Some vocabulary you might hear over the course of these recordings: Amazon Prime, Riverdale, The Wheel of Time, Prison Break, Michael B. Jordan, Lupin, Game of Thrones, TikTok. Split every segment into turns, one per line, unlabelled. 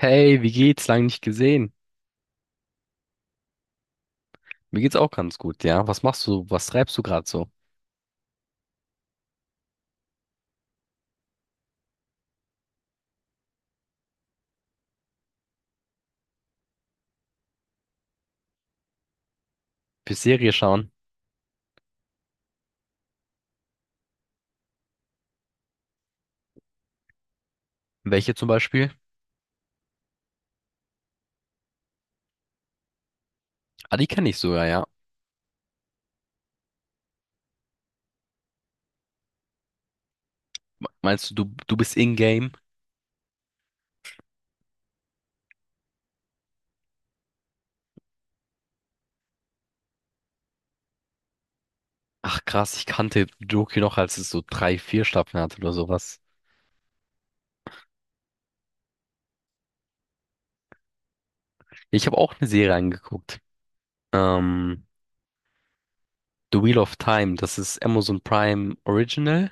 Hey, wie geht's? Lang nicht gesehen. Mir geht's auch ganz gut, ja. Was machst du? Was treibst du gerade so? Bis Serie schauen. Welche zum Beispiel? Ah, die kenne ich sogar, ja. Meinst du bist in-game? Ach krass, ich kannte Doki noch, als es so drei, vier Staffeln hatte oder sowas. Ich habe auch eine Serie angeguckt. Ähm, The Wheel of Time, das ist Amazon Prime Original.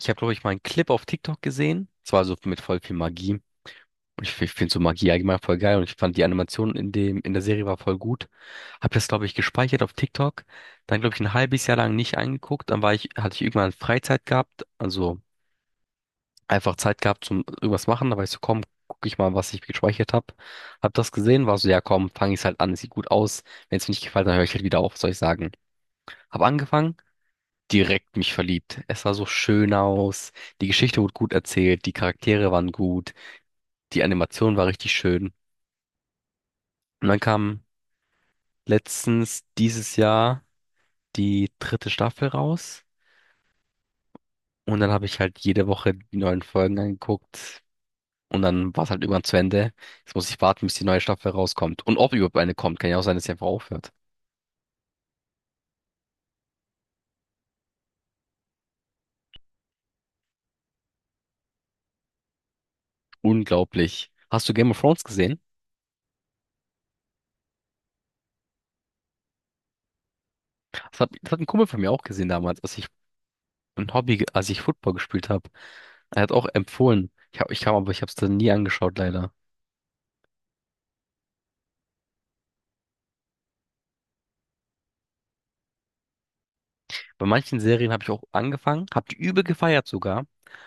Ich habe, glaube ich, mal einen Clip auf TikTok gesehen. Es war so mit voll viel Magie. Und ich finde so Magie allgemein voll geil und ich fand die Animation in dem, in der Serie war voll gut. Hab das, glaube ich, gespeichert auf TikTok. Dann, glaube ich, ein halbes Jahr lang nicht angeguckt. Dann war ich, hatte ich irgendwann Freizeit gehabt, also einfach Zeit gehabt zum irgendwas machen. Da war ich so, komm, guck ich mal, was ich gespeichert habe. Hab das gesehen, war so, ja komm, fange ich halt an, sieht gut aus. Wenn es mir nicht gefällt, dann höre ich halt wieder auf, soll ich sagen. Hab angefangen, direkt mich verliebt. Es sah so schön aus. Die Geschichte wurde gut erzählt, die Charaktere waren gut, die Animation war richtig schön. Und dann kam letztens dieses Jahr die dritte Staffel raus und dann habe ich halt jede Woche die neuen Folgen angeguckt und dann war es halt irgendwann zu Ende. Jetzt muss ich warten, bis die neue Staffel rauskommt. Und ob überhaupt eine kommt, kann ja auch sein, dass sie einfach aufhört. Unglaublich. Hast du Game of Thrones gesehen? Das hat ein Kumpel von mir auch gesehen damals, als ich ein Hobby, als ich Football gespielt habe. Er hat auch empfohlen. Aber ich habe es dann nie angeschaut, leider. Bei manchen Serien habe ich auch angefangen, habe die übel gefeiert sogar,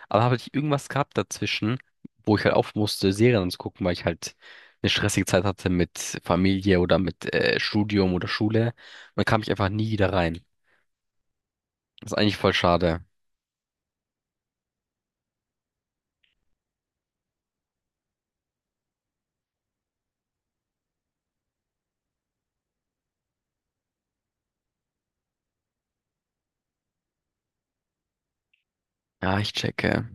aber habe ich irgendwas gehabt dazwischen, wo ich halt auf musste, Serien zu gucken, weil ich halt eine stressige Zeit hatte mit Familie oder mit Studium oder Schule. Und dann kam ich einfach nie wieder rein. Das ist eigentlich voll schade. Ja, ich checke.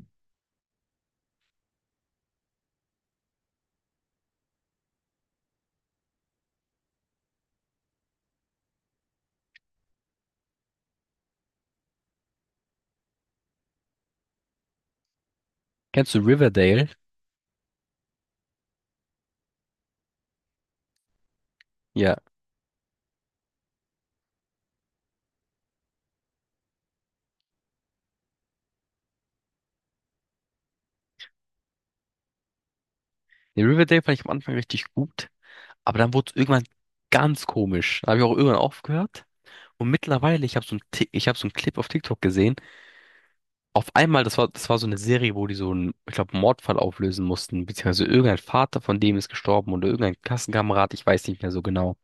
Kennst du Riverdale? Ja. Den Riverdale fand ich am Anfang richtig gut, aber dann wurde es irgendwann ganz komisch. Da habe ich auch irgendwann aufgehört. Und mittlerweile, ich habe so einen Clip auf TikTok gesehen, auf einmal, das war so eine Serie, wo die so einen, ich glaube, Mordfall auflösen mussten, beziehungsweise irgendein Vater von dem ist gestorben oder irgendein Klassenkamerad, ich weiß nicht mehr so genau.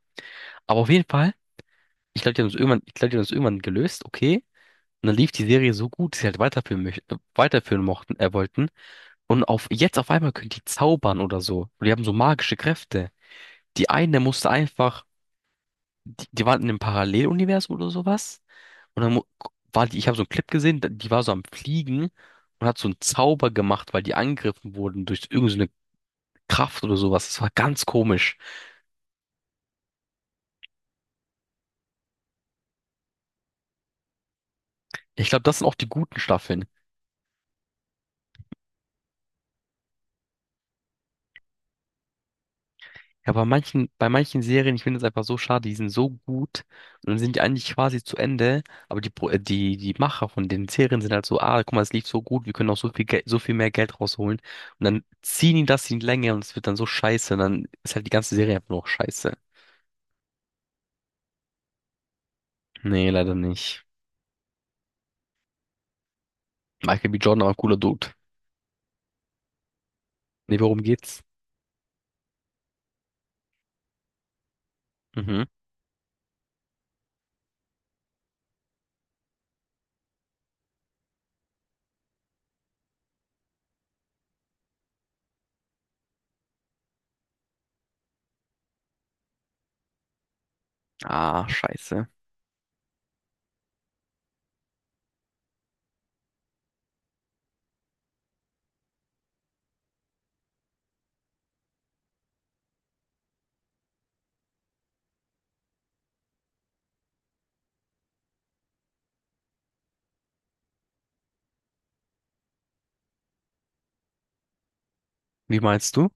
Aber auf jeden Fall, ich glaube, die haben das irgendwann gelöst, okay. Und dann lief die Serie so gut, dass sie halt weiterführen möchten, weiterführen mochten, wollten. Und jetzt auf einmal können die zaubern oder so. Und die haben so magische Kräfte. Die eine musste einfach die waren in einem Paralleluniversum oder sowas. Und dann war die, ich habe so einen Clip gesehen, die war so am Fliegen und hat so einen Zauber gemacht, weil die angegriffen wurden durch irgendeine so eine Kraft oder sowas. Das war ganz komisch. Ich glaube, das sind auch die guten Staffeln. Ja, bei manchen Serien, ich finde es einfach so schade, die sind so gut und dann sind die eigentlich quasi zu Ende, aber die Macher von den Serien sind halt so, ah, guck mal, es lief so gut, wir können noch so viel Geld, so viel mehr Geld rausholen. Und dann ziehen die das in die Länge und es wird dann so scheiße. Und dann ist halt die ganze Serie einfach nur noch scheiße. Nee, leider nicht. Michael B. Jordan, aber cooler Dude. Nee, worum geht's? Mhm. Ah, scheiße. Wie meinst du?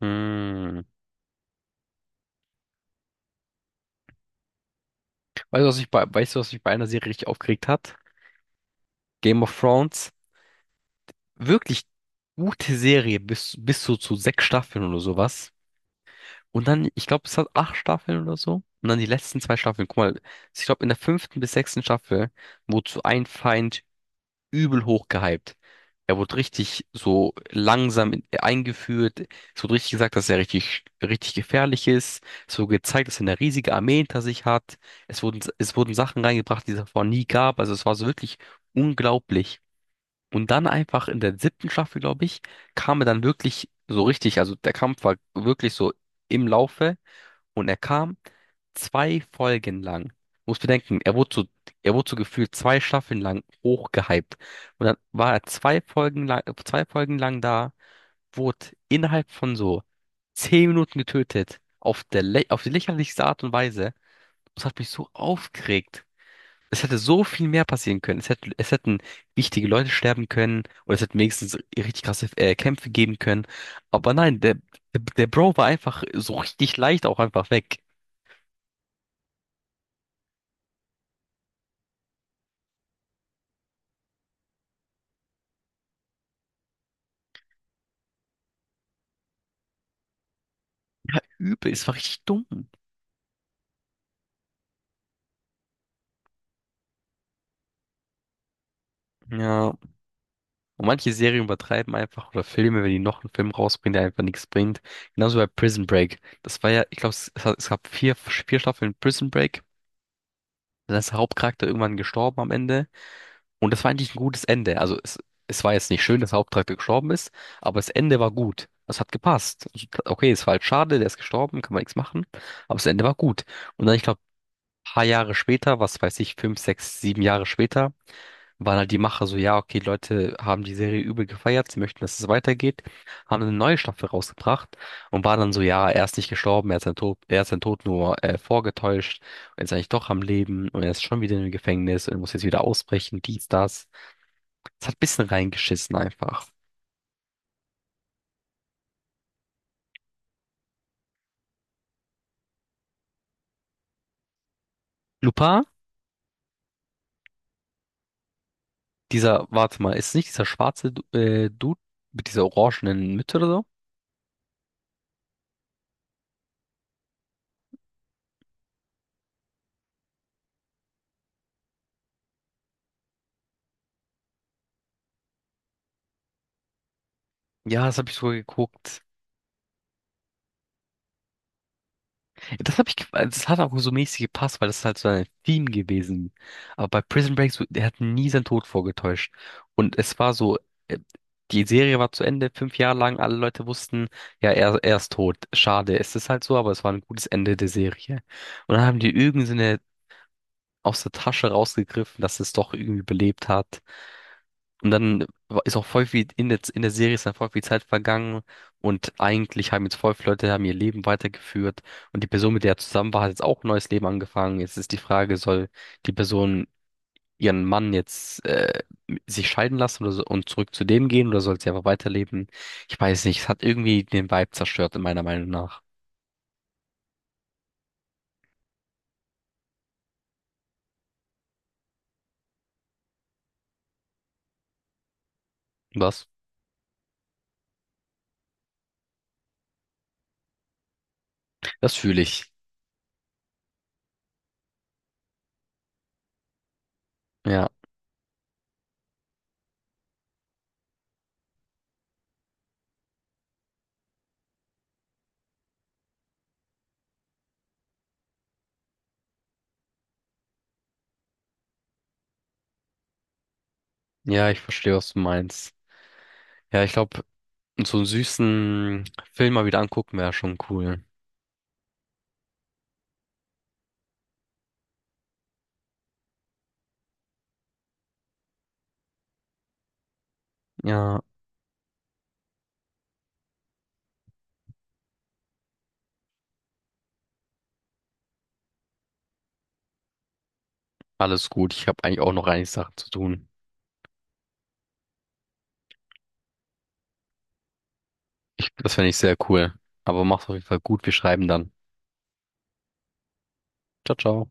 Hm. Weißt du, was mich bei einer Serie richtig aufgeregt hat? Game of Thrones. Wirklich gute Serie, bis so zu sechs Staffeln oder sowas. Und dann, ich glaube, es hat acht Staffeln oder so. Und dann die letzten zwei Staffeln. Guck mal, ich glaube, in der fünften bis sechsten Staffel, wozu ein Feind übel hoch gehypt. Er wurde richtig so langsam eingeführt. Es wurde richtig gesagt, dass er richtig, richtig gefährlich ist. Es wurde gezeigt, dass er eine riesige Armee hinter sich hat. Es wurden Sachen reingebracht, die es davor nie gab. Also es war so wirklich unglaublich. Und dann einfach in der siebten Staffel, glaube ich, kam er dann wirklich so richtig. Also der Kampf war wirklich so im Laufe. Und er kam zwei Folgen lang. Muss bedenken, er wurde so gefühlt zwei Staffeln lang hochgehypt. Und dann war er zwei Folgen lang da, wurde innerhalb von so 10 Minuten getötet. Auf die lächerlichste Art und Weise. Das hat mich so aufgeregt. Es hätte so viel mehr passieren können. Es hätten wichtige Leute sterben können. Oder es hätten wenigstens richtig krasse Kämpfe geben können. Aber nein, der Bro war einfach so richtig leicht auch einfach weg. Übel, es war richtig dumm. Ja, und manche Serien übertreiben einfach oder Filme, wenn die noch einen Film rausbringen, der einfach nichts bringt. Genauso bei Prison Break. Das war ja, ich glaube, es gab vier Staffeln Prison Break. Dann ist der Hauptcharakter irgendwann gestorben am Ende. Und das war eigentlich ein gutes Ende. Es war jetzt nicht schön, dass der Hauptcharakter gestorben ist, aber das Ende war gut. Es hat gepasst. Okay, es war halt schade, der ist gestorben, kann man nichts machen. Aber das Ende war gut. Und dann, ich glaube, ein paar Jahre später, was weiß ich, 5, 6, 7 Jahre später, waren halt die Macher so, ja, okay, Leute haben die Serie übel gefeiert, sie möchten, dass es weitergeht, haben eine neue Staffel rausgebracht und waren dann so, ja, er ist nicht gestorben, er ist sein Tod nur vorgetäuscht und ist eigentlich doch am Leben und er ist schon wieder im Gefängnis und muss jetzt wieder ausbrechen, dies, das. Es hat ein bisschen reingeschissen einfach. Lupin, dieser, warte mal, ist nicht dieser schwarze Dude mit dieser orangenen Mütze oder so? Ja, das habe ich sogar geguckt. Das habe ich, ge- also das hat auch so mäßig gepasst, weil das ist halt so ein Theme gewesen. Aber bei Prison Break, so, der hat nie seinen Tod vorgetäuscht. Und es war so, äh, die Serie war zu Ende, 5 Jahre lang, alle Leute wussten, ja, er ist tot. Schade, es ist halt so, aber es war ein gutes Ende der Serie. Und dann haben die irgendeine aus der Tasche rausgegriffen, dass es doch irgendwie belebt hat. Und dann ist auch voll viel in der, Serie ist dann voll viel Zeit vergangen und eigentlich haben jetzt voll viele Leute haben ihr Leben weitergeführt und die Person, mit der er zusammen war, hat jetzt auch ein neues Leben angefangen. Jetzt ist die Frage, soll die Person ihren Mann jetzt sich scheiden lassen oder so, und zurück zu dem gehen oder soll sie einfach weiterleben? Ich weiß nicht, es hat irgendwie den Vibe zerstört, in meiner Meinung nach. Was? Das fühle ich. Ja, ja, ich verstehe, was du meinst. Ja, ich glaube, so einen süßen Film mal wieder angucken wäre schon cool. Ja. Alles gut. Ich habe eigentlich auch noch einige Sachen zu tun. Das fände ich sehr cool. Aber mach's auf jeden Fall gut. Wir schreiben dann. Ciao, ciao.